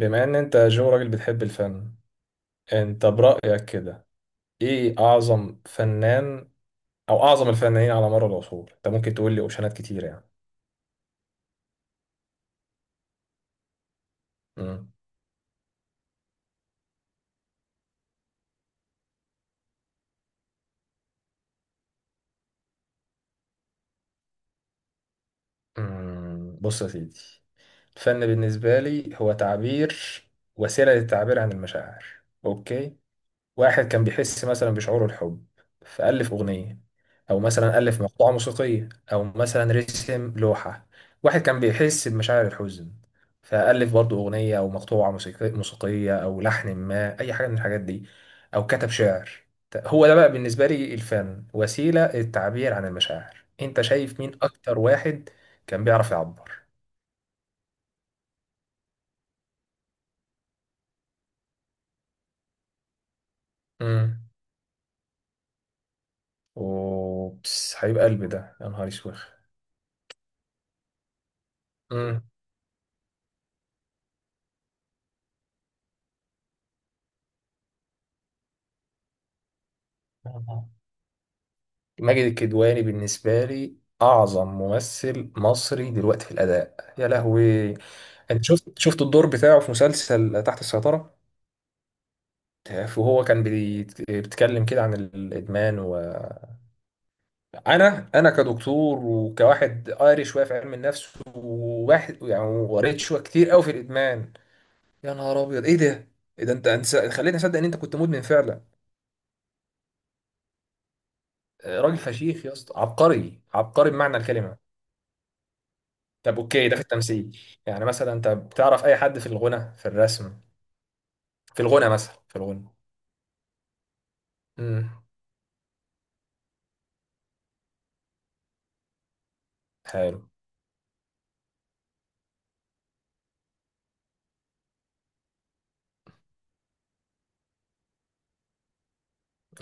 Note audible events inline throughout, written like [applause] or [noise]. بما ان انت يا جو راجل بتحب الفن، انت برأيك كده ايه اعظم فنان او اعظم الفنانين على مر العصور؟ انت ممكن تقول لي اوبشنات كتير يعني. مم. مم. بص يا سيدي، الفن بالنسبة لي هو تعبير، وسيلة للتعبير عن المشاعر. اوكي. واحد كان بيحس مثلا بشعور الحب، فألف أغنية أو مثلا ألف مقطوعة موسيقية أو مثلا رسم لوحة. واحد كان بيحس بمشاعر الحزن، فألف برضه أغنية أو مقطوعة موسيقية أو لحن ما، أي حاجة من الحاجات دي، أو كتب شعر. هو ده بقى بالنسبة لي الفن، وسيلة للتعبير عن المشاعر. أنت شايف مين أكتر واحد كان بيعرف يعبر؟ امم أوبس، حبيب قلبي ده، يا نهار اسود. امم ماجد الكدواني بالنسبة لي أعظم ممثل مصري دلوقتي في الأداء، يا لهوي. أنت شفت الدور بتاعه في مسلسل تحت السيطرة، وهو كان بيتكلم كده عن الإدمان. وأنا كدكتور وكواحد قاري شوية في علم النفس وواحد يعني، وقريت شوية كتير قوي في الإدمان. يا نهار أبيض، إيه ده؟ إيه ده، أنت خليتني أصدق إن أنت كنت مدمن فعلا. آه، راجل فشيخ يا اسطى، عبقري عبقري بمعنى الكلمة. طب اوكي، ده في التمثيل. يعني مثلا انت بتعرف اي حد في الغنى، في الرسم، في الغنى مثلا في الغنى. امم حلو،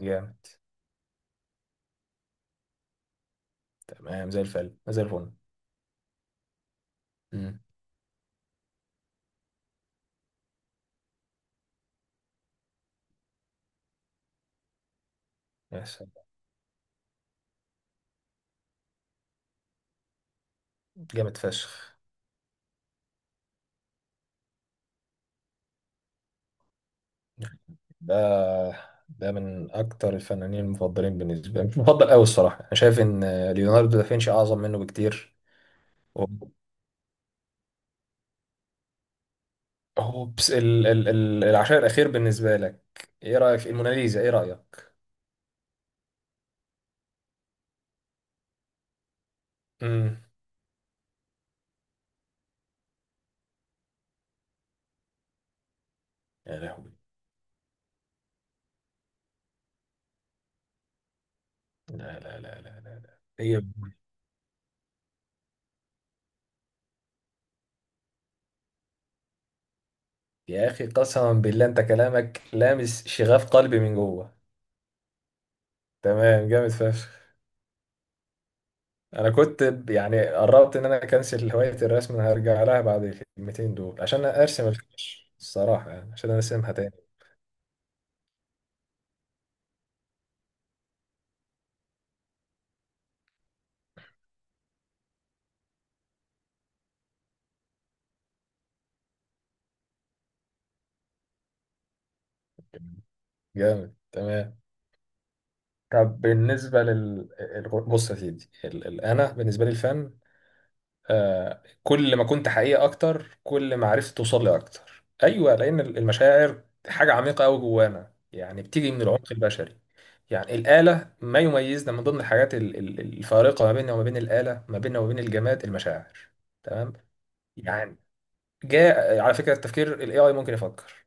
جامد، تمام، زي الفل زي الفل. امم يا سلام. جامد فشخ. ده ده من اكتر الفنانين المفضلين بالنسبه لي، مش مفضل قوي الصراحه. انا شايف ان ليوناردو دافنشي اعظم منه بكتير. اوبس، ال العشاء الاخير بالنسبه لك؟ ايه رايك في الموناليزا؟ ايه رايك؟ امم يا لهوي، لا لا لا لا لا لا. إيه؟ يا اخي، قسما بالله، انت كلامك لامس شغاف قلبي من جوه. تمام، جامد فشخ. انا كنت يعني قربت ان انا اكنسل هواية الرسم، انا هرجع لها بعد الكلمتين دول عشان ارسم الفيش الصراحة، يعني عشان ارسمها تاني. جامد، تمام. طب بالنسبة بص يا سيدي، انا بالنسبة لي الفن، آه، كل ما كنت حقيقي اكتر كل ما عرفت توصل لي اكتر، ايوه، لان المشاعر حاجه عميقه قوي جوانا، يعني بتيجي من العمق البشري. يعني الاله، ما يميزنا من ضمن الحاجات الفارقه ما بيننا وما بين الاله، ما بيننا وما بين الجماد، المشاعر. تمام. يعني، جاء على فكره، التفكير الاي اي ممكن يفكر،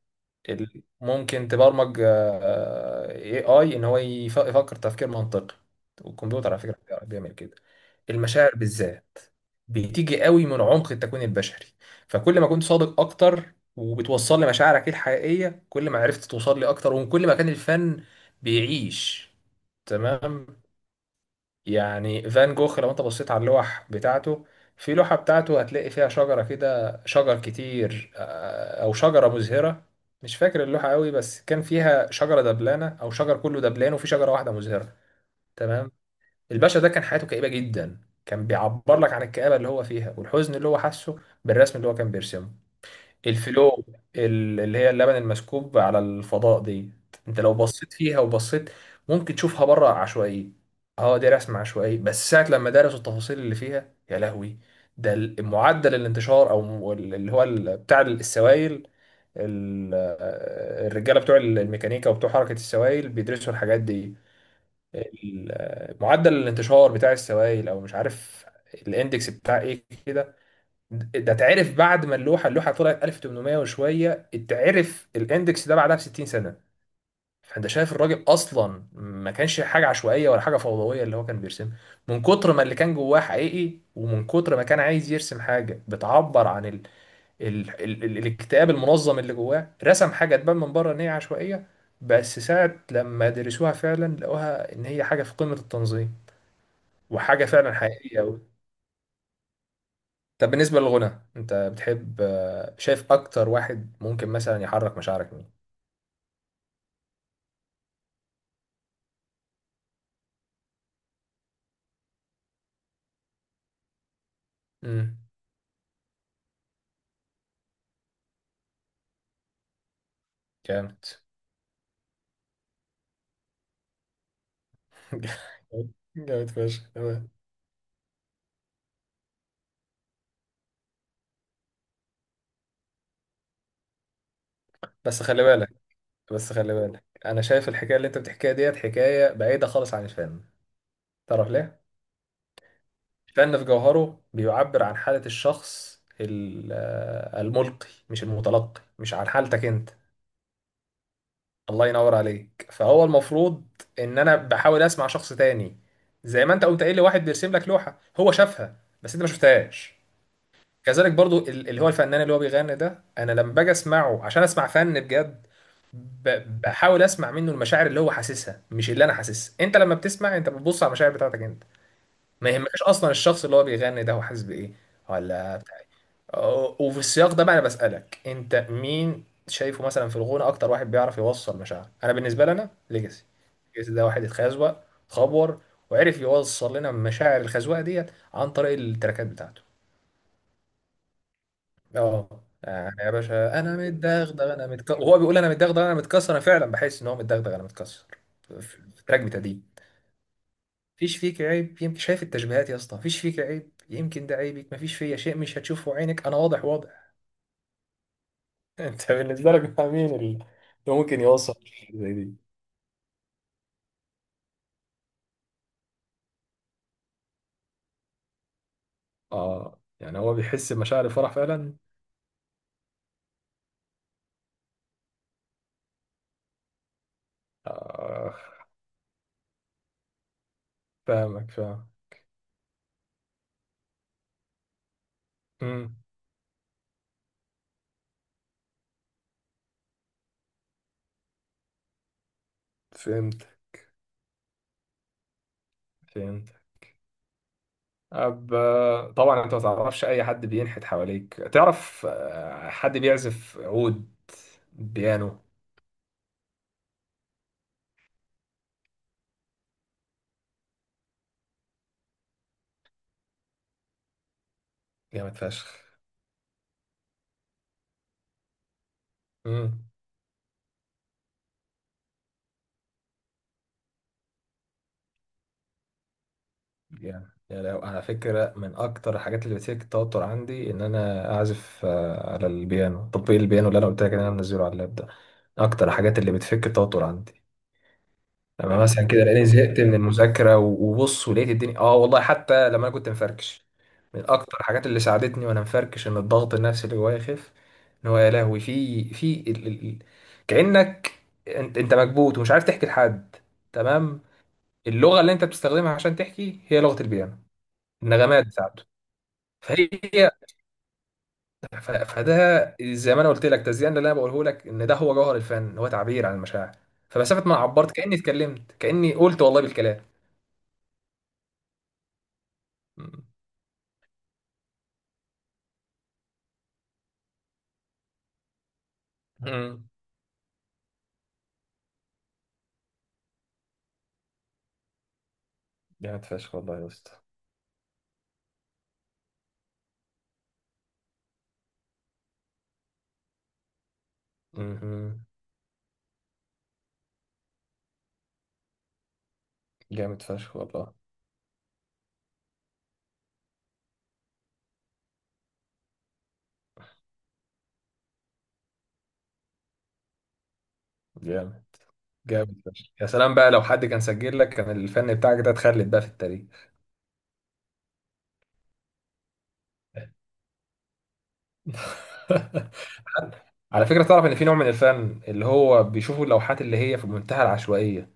ممكن تبرمج اي اي ان هو يفكر تفكير منطقي، والكمبيوتر على فكره بيعمل كده. المشاعر بالذات بتيجي قوي من عمق التكوين البشري، فكل ما كنت صادق اكتر وبتوصل لي مشاعرك الحقيقية كل ما عرفت توصل لي اكتر، ومن كل ما كان الفن بيعيش. تمام. يعني فان جوخ، لو انت بصيت على اللوح بتاعته، في لوحة بتاعته هتلاقي فيها شجرة كده، شجر كتير، آه، او شجرة مزهرة. مش فاكر اللوحة قوي، بس كان فيها شجرة دبلانة او شجر كله دبلان وفي شجرة واحدة مزهرة. تمام. الباشا ده كان حياته كئيبة جدا، كان بيعبر لك عن الكآبة اللي هو فيها والحزن اللي هو حاسه بالرسم اللي هو كان بيرسمه. الفلو، اللي هي اللبن المسكوب على الفضاء دي، انت لو بصيت فيها وبصيت ممكن تشوفها بره عشوائية. اه، دي رسم عشوائي، بس ساعة لما درسوا التفاصيل اللي فيها، يا لهوي. ده معدل الانتشار اللي هو بتاع السوائل. ال- الرجالة بتوع الميكانيكا وبتوع حركة السوائل بيدرسوا الحاجات دي، معدل الانتشار بتاع السوائل، او مش عارف الاندكس بتاع ايه كده. ده اتعرف بعد ما اللوحه طلعت 1800 وشويه، اتعرف الاندكس ده بعدها ب 60 سنه. فانت شايف الراجل اصلا ما كانش حاجه عشوائيه ولا حاجه فوضويه اللي هو كان بيرسمها، من كتر ما اللي كان جواه حقيقي، ومن كتر ما كان عايز يرسم حاجه بتعبر عن الاكتئاب المنظم اللي جواه، رسم حاجه تبان من بره ان هي عشوائيه، بس ساعة لما درسوها فعلا لقوها إن هي حاجة في قمة التنظيم، وحاجة فعلا حقيقية أوي. طب بالنسبة للغنى، أنت بتحب، آه، شايف أكتر واحد ممكن مثلا يحرك مشاعرك مين؟ امم جامد. [laughs] جامد فشخ، تمام. بس خلي بالك، بس خلي بالك، أنا شايف الحكاية اللي أنت بتحكيها ديت حكاية بعيدة خالص عن الفن. تعرف ليه؟ الفن في جوهره بيعبر عن حالة الشخص، آه، الملقي مش المتلقي، مش عن حالتك أنت. الله ينور عليك. فهو المفروض ان انا بحاول اسمع شخص تاني، زي ما انت قمت قايل لي، واحد بيرسم لك لوحه هو شافها بس انت ما شفتهاش. كذلك برضو اللي هو الفنان اللي هو بيغني ده، انا لما باجي اسمعه عشان اسمع فن بجد، بحاول اسمع منه المشاعر اللي هو حاسسها، مش اللي انا حاسسها. انت لما بتسمع، انت بتبص على المشاعر بتاعتك انت، ما يهمكش اصلا الشخص اللي هو بيغني ده هو حاسس بايه ولا بتاع إيه. أه، وفي السياق ده بقى انا بسالك، انت مين شايفه مثلا في الغنى اكتر واحد بيعرف يوصل مشاعر؟ انا بالنسبه لي، انا ليجاسي. ليجاسي ده واحد اتخزوق، اتخبور، وعرف يوصل لنا مشاعر الخزوقه ديت عن طريق التراكات بتاعته. اه، يعني يا باشا، انا متدغدغ انا متكسر، وهو بيقول انا متدغدغ انا متكسر، انا فعلا بحس ان هو متدغدغ انا متكسر في في التراك بتاعي. مفيش فيك عيب يمكن، شايف التشبيهات يا اسطى، مفيش فيك عيب يمكن، ده عيبك، مفيش فيا شيء مش هتشوفه عينك، انا واضح واضح. [laughs] انت بالنسبه لك مع مين اللي ممكن يوصل حاجة زي دي؟ اه، يعني هو بيحس بمشاعر الفرح فعلا. آه، فاهمك فاهم. امم فهمت فهمت. أب... طبعا انت ما تعرفش اي حد بينحت حواليك، تعرف آه، حد بيعزف عود، بيانو؟ جامد فشخ. امم يعني على فكرة، من أكتر الحاجات اللي بتشكل التوتر عندي إن أنا أعزف، آه، على البيانو، تطبيق البيانو اللي أنا قلت لك إن أنا منزله على اللاب ده. أكتر الحاجات اللي بتفك التوتر عندي، لما اه مثلا كده تطبيق، لأني تطبيق زهقت من البيانو المذاكرة، وبص ولقيت الدنيا. آه والله، حتى لما أنا كنت مفركش، من أكتر الحاجات اللي ساعدتني وأنا مفركش إن الضغط النفسي اللي جوايا يخف، إن هو، يا لهوي، في في كأنك، أنت مكبوت ومش عارف تحكي لحد، تمام. اللغة اللي أنت بتستخدمها عشان تحكي هي لغة البيانو، النغمات بتاعته. فهي فده زي ما انا قلت لك، تزيان اللي انا بقوله لك ان ده هو جوهر الفن، هو تعبير عن المشاعر، فمسافه ما عبرت كاني اتكلمت، كاني قلت والله بالكلام. مم. جامد فشخ والله يا اسطى. مم. جامد فشخ والله. جامد، جامد فشخ، يا سلام بقى، لو حد كان سجل لك كان الفن بتاعك ده اتخلد بقى في التاريخ. [laughs] على فكره، تعرف ان في نوع من الفن اللي هو بيشوفوا اللوحات اللي هي في منتهى العشوائيه،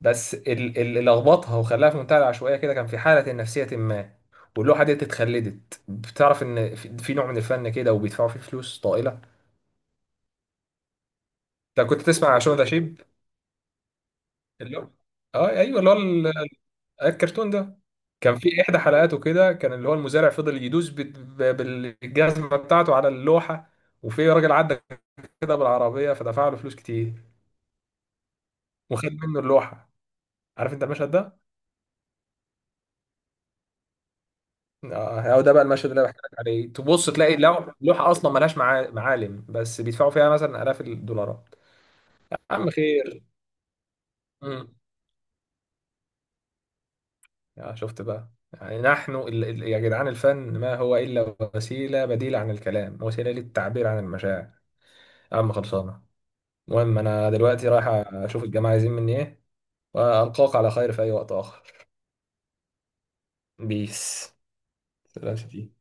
بس اللي لخبطها وخلاها في منتهى العشوائيه كده كان في حاله نفسيه ما، واللوحه ديت اتخلدت. بتعرف ان في في نوع من الفن كده وبيدفعوا فيه فلوس طائله؟ لو كنت تسمع عن شو ده شيب، اللي هو، اه ايوه، اللي هو الكرتون ده، كان في احدى حلقاته كده كان اللي هو المزارع فضل يدوس بالجزمه بتاعته على اللوحه، وفي راجل عدى كده بالعربيه فدفع له فلوس كتير وخد منه اللوحه. عارف انت المشهد ده؟ اه، هو ده بقى المشهد اللي انا بحكي لك عليه، تبص تلاقي لوحه اصلا ملهاش معالم بس بيدفعوا فيها مثلا الاف الدولارات. عم خير. امم يا شفت بقى، يعني نحن يا جدعان، الفن ما هو الا وسيله بديله عن الكلام، وسيله للتعبير عن المشاعر. يا عم، خلصانه. المهم انا دلوقتي رايح اشوف الجماعه عايزين مني ايه، والقاك على خير في اي وقت اخر. بيس. سلام يا شفيق.